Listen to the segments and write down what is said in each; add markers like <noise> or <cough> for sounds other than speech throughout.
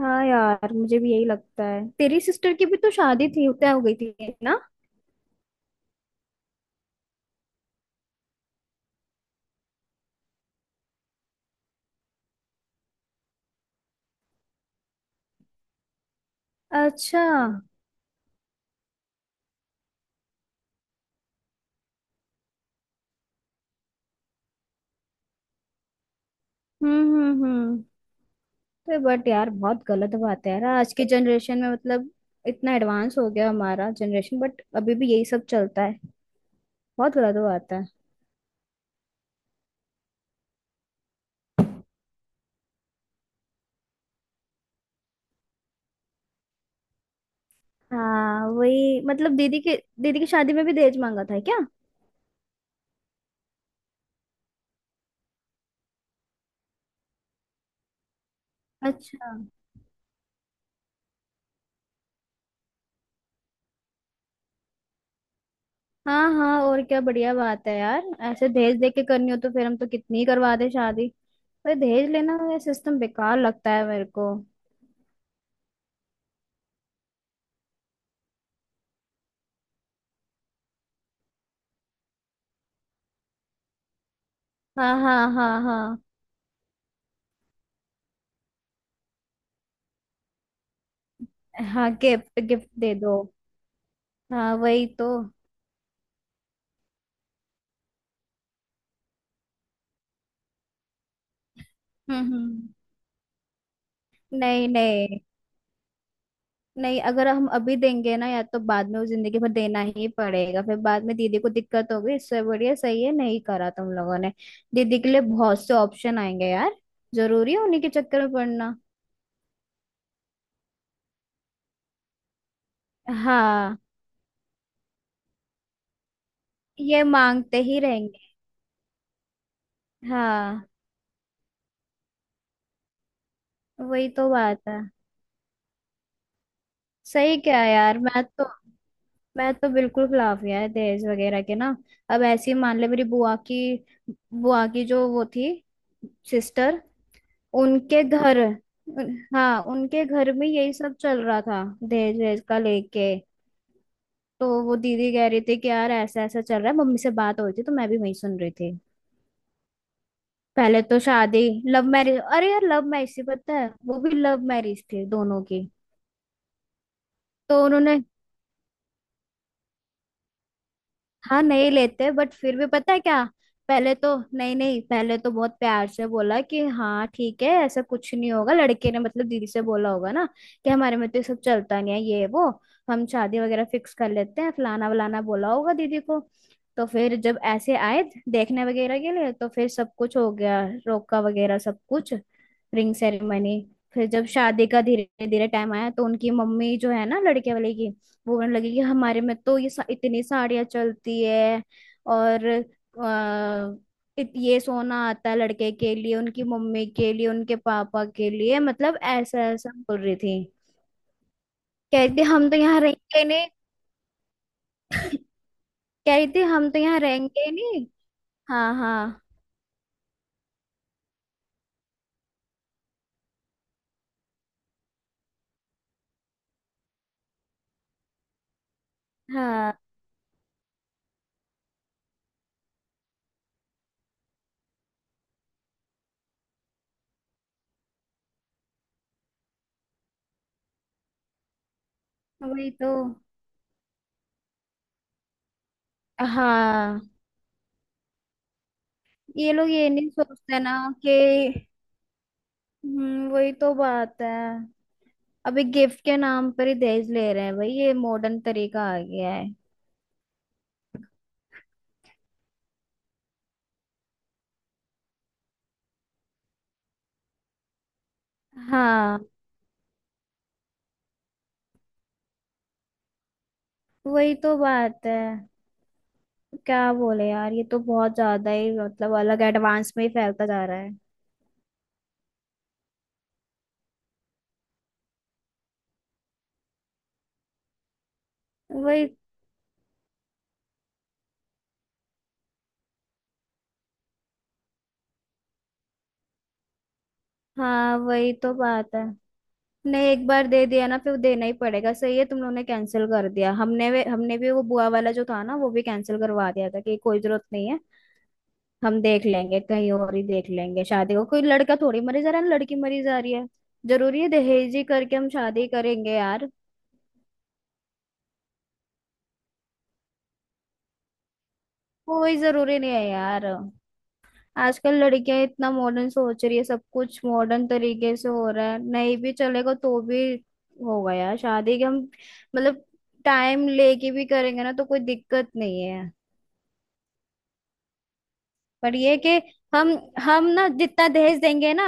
हाँ यार, मुझे भी यही लगता है। तेरी सिस्टर की भी तो शादी थी, तय हो गई थी ना। अच्छा। हम्म। हम्म। हम्म। तो बट यार, बहुत गलत बात है यार, आज के जनरेशन में मतलब, इतना एडवांस हो गया हमारा जनरेशन, बट अभी भी यही सब चलता है। बहुत गलत बात है। हाँ वही, मतलब दीदी की शादी में भी दहेज मांगा था क्या? अच्छा। हाँ हाँ, और क्या, बढ़िया बात है यार। ऐसे दहेज दे के करनी हो तो फिर हम तो कितनी ही करवा दे शादी। पर दहेज लेना, ये सिस्टम बेकार लगता है मेरे को। हाँ हाँ हाँ हाँ। हाँ, गिफ्ट गिफ्ट दे दो। हाँ वही तो। हम्म। नहीं नहीं नहीं, अगर हम अभी देंगे ना, या तो बाद में वो जिंदगी भर देना ही पड़ेगा, फिर बाद में दीदी को दिक्कत होगी। इससे बढ़िया सही है, नहीं करा तुम लोगों ने। दीदी के लिए बहुत से ऑप्शन आएंगे यार। जरूरी है उन्हीं के चक्कर में पड़ना। हाँ, ये मांगते ही रहेंगे। हाँ वही तो बात है। सही क्या है यार, मैं तो बिल्कुल खिलाफ यार दहेज वगैरह के ना। अब ऐसे ही मान ले, मेरी बुआ की जो वो थी, सिस्टर, उनके घर, हाँ, उनके घर में यही सब चल रहा था दहेज वहेज का लेके। तो वो दीदी कह रही थी कि यार ऐसा ऐसा चल रहा है, मम्मी से बात हो रही थी तो मैं भी वही सुन रही थी। पहले तो शादी लव मैरिज, अरे यार, लव मैरिज थी, पता है, वो भी लव मैरिज थी दोनों की। तो उन्होंने हाँ, नहीं लेते, बट फिर भी पता है क्या? पहले तो नहीं नहीं, पहले तो बहुत प्यार से बोला कि हाँ ठीक है, ऐसा कुछ नहीं होगा। लड़के ने मतलब दीदी से बोला होगा ना कि हमारे में तो ये सब चलता नहीं है, ये वो, हम शादी वगैरह फिक्स कर लेते हैं, फलाना वलाना बोला होगा दीदी को। तो फिर जब ऐसे आए देखने वगैरह के लिए, तो फिर सब कुछ हो गया, रोका वगैरह सब कुछ, रिंग सेरेमनी। फिर जब शादी का धीरे धीरे टाइम आया, तो उनकी मम्मी जो है ना लड़के वाले की, वो कहने लगे कि हमारे में तो इतनी साड़ियाँ चलती है, और ये सोना आता है लड़के के लिए, उनकी मम्मी के लिए, उनके पापा के लिए, मतलब ऐसा ऐसा बोल रही थी। कह रही थी हम तो यहाँ रहेंगे ही नहीं। कह रही थी हम तो यहाँ रहेंगे ही नहीं। हाँ हाँ। हाँ वही तो। हाँ, ये लोग ये नहीं सोचते ना कि वही तो बात है। अभी गिफ्ट के नाम पर ही दहेज ले रहे हैं भाई, ये मॉडर्न तरीका आ गया है। हाँ वही तो बात है। क्या बोले यार, ये तो बहुत ज्यादा ही मतलब अलग एडवांस में ही फैलता जा रहा है। वही। हाँ वही तो बात है। नहीं, एक बार दे दिया ना फिर देना ही पड़ेगा, सही है तुम लोगों ने कैंसिल कर दिया, हमने भी वो बुआ वाला जो था ना, वो भी कैंसिल करवा दिया था कि कोई जरूरत नहीं है। हम देख लेंगे, कहीं और ही देख लेंगे शादी को, कोई लड़का थोड़ी मरी जा रहा है ना, लड़की मरी जा रही है। जरूरी है दहेज ही करके हम शादी करेंगे यार? कोई जरूरी नहीं है यार। आजकल लड़कियां इतना मॉडर्न सोच रही है, सब कुछ मॉडर्न तरीके से हो रहा है, नहीं भी चलेगा तो भी होगा यार। शादी के हम, मतलब टाइम लेके भी करेंगे ना तो कोई दिक्कत नहीं है। पर ये कि हम हम ना जितना दहेज देंगे ना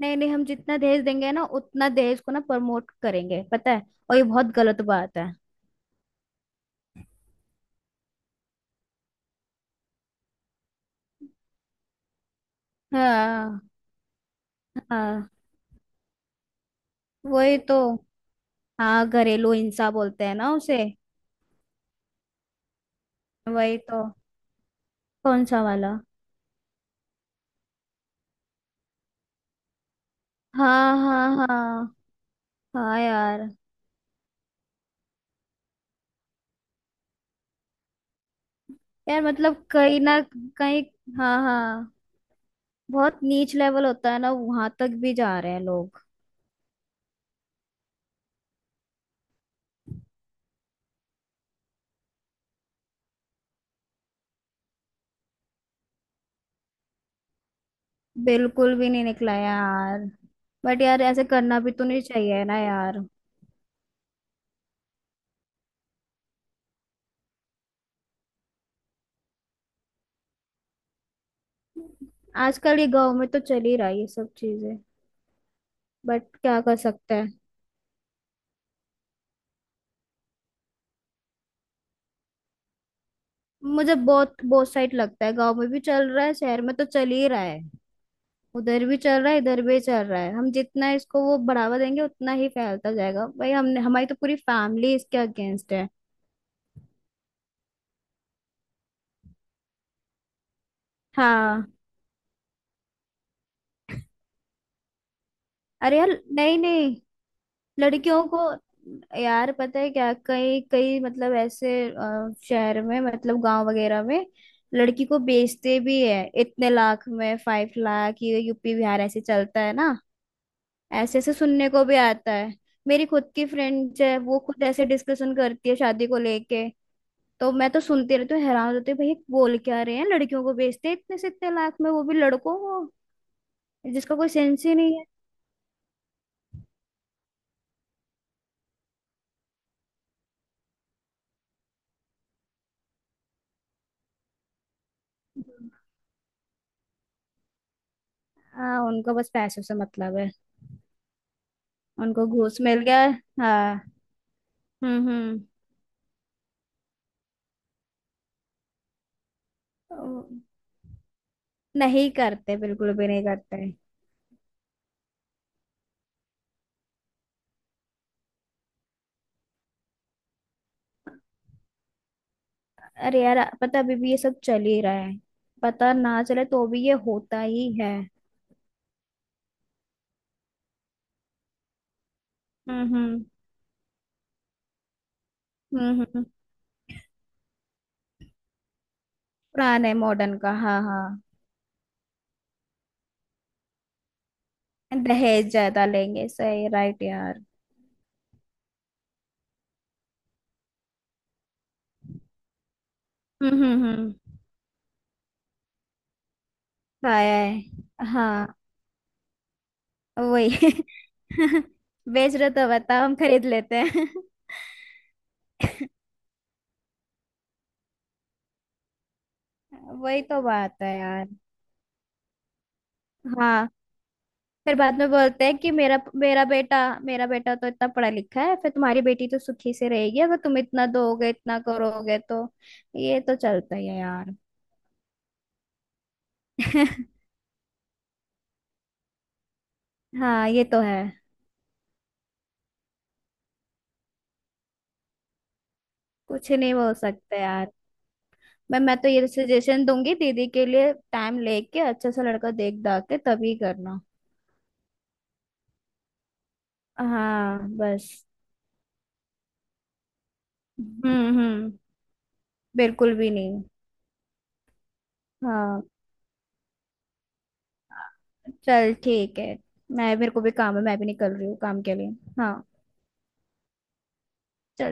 नहीं नहीं, हम जितना दहेज देंगे ना उतना दहेज को ना प्रमोट करेंगे, पता है, और ये बहुत गलत बात है। हाँ हाँ वही तो। हाँ, घरेलू हिंसा बोलते हैं ना उसे। वही तो। कौन सा वाला? हाँ हाँ हाँ हाँ यार। यार मतलब, कहीं ना कहीं, हाँ हाँ, बहुत नीच लेवल होता है ना, वहां तक भी जा रहे हैं लोग। बिल्कुल भी नहीं निकला यार। बट यार ऐसे करना भी तो नहीं चाहिए ना यार। आजकल ये गांव में तो चल ही रहा है ये सब चीजें। बट क्या कर सकते हैं। मुझे बहुत बहुत साइड लगता है, गांव में भी चल रहा है, शहर में तो चल ही रहा है, उधर भी चल रहा है, इधर भी चल रहा है। हम जितना इसको वो बढ़ावा देंगे उतना ही फैलता जाएगा भाई। हमने, हमारी तो पूरी फैमिली इसके अगेंस्ट है। हाँ। अरे यार, नहीं नहीं, लड़कियों को, यार पता है क्या, कई कई, मतलब ऐसे शहर में, मतलब गांव वगैरह में लड़की को बेचते भी है, इतने लाख में, 5 लाख, ये यूपी बिहार ऐसे चलता है ना। ऐसे ऐसे सुनने को भी आता है। मेरी खुद की फ्रेंड्स है, वो खुद ऐसे डिस्कशन करती है शादी को लेके। तो मैं तो सुनती रहती हूँ, हैरान होती हूँ भाई, ये बोल क्या रहे हैं, लड़कियों को बेचते हैं इतने से इतने लाख में, वो भी लड़कों को, जिसका कोई सेंस ही नहीं है। हाँ, उनको बस पैसों से मतलब है। उनको घूस मिल गया। हाँ। हम्म। ओ। नहीं करते, बिल्कुल भी नहीं करते। अरे यार, पता, अभी भी ये सब चल ही रहा है। पता ना चले तो भी ये होता ही है। हम्म हम्म हम्म हम्म। पुराने मॉडर्न का, हाँ हाँ। दहेज ज्यादा लेंगे, सही राइट यार। हम्म। खाया है, हाँ। वही। <laughs> बेच रहे तो बताओ, हम खरीद लेते हैं। <laughs> वही तो बात है यार। हाँ। फिर बाद में बोलते हैं कि मेरा मेरा बेटा तो इतना पढ़ा लिखा है, फिर तुम्हारी बेटी तो सुखी से रहेगी अगर तुम इतना दोगे इतना करोगे तो। ये तो चलता ही है यार। <laughs> हाँ ये तो है। कुछ नहीं बोल सकते यार। मैं तो ये सजेशन दूंगी दीदी के लिए, टाइम लेके अच्छा सा लड़का देख दाख के तभी करना। हाँ बस। हम्म। बिल्कुल भी नहीं। हाँ चल ठीक है। मैं, मेरे को भी काम है, मैं भी निकल रही हूँ काम के लिए। हाँ चल।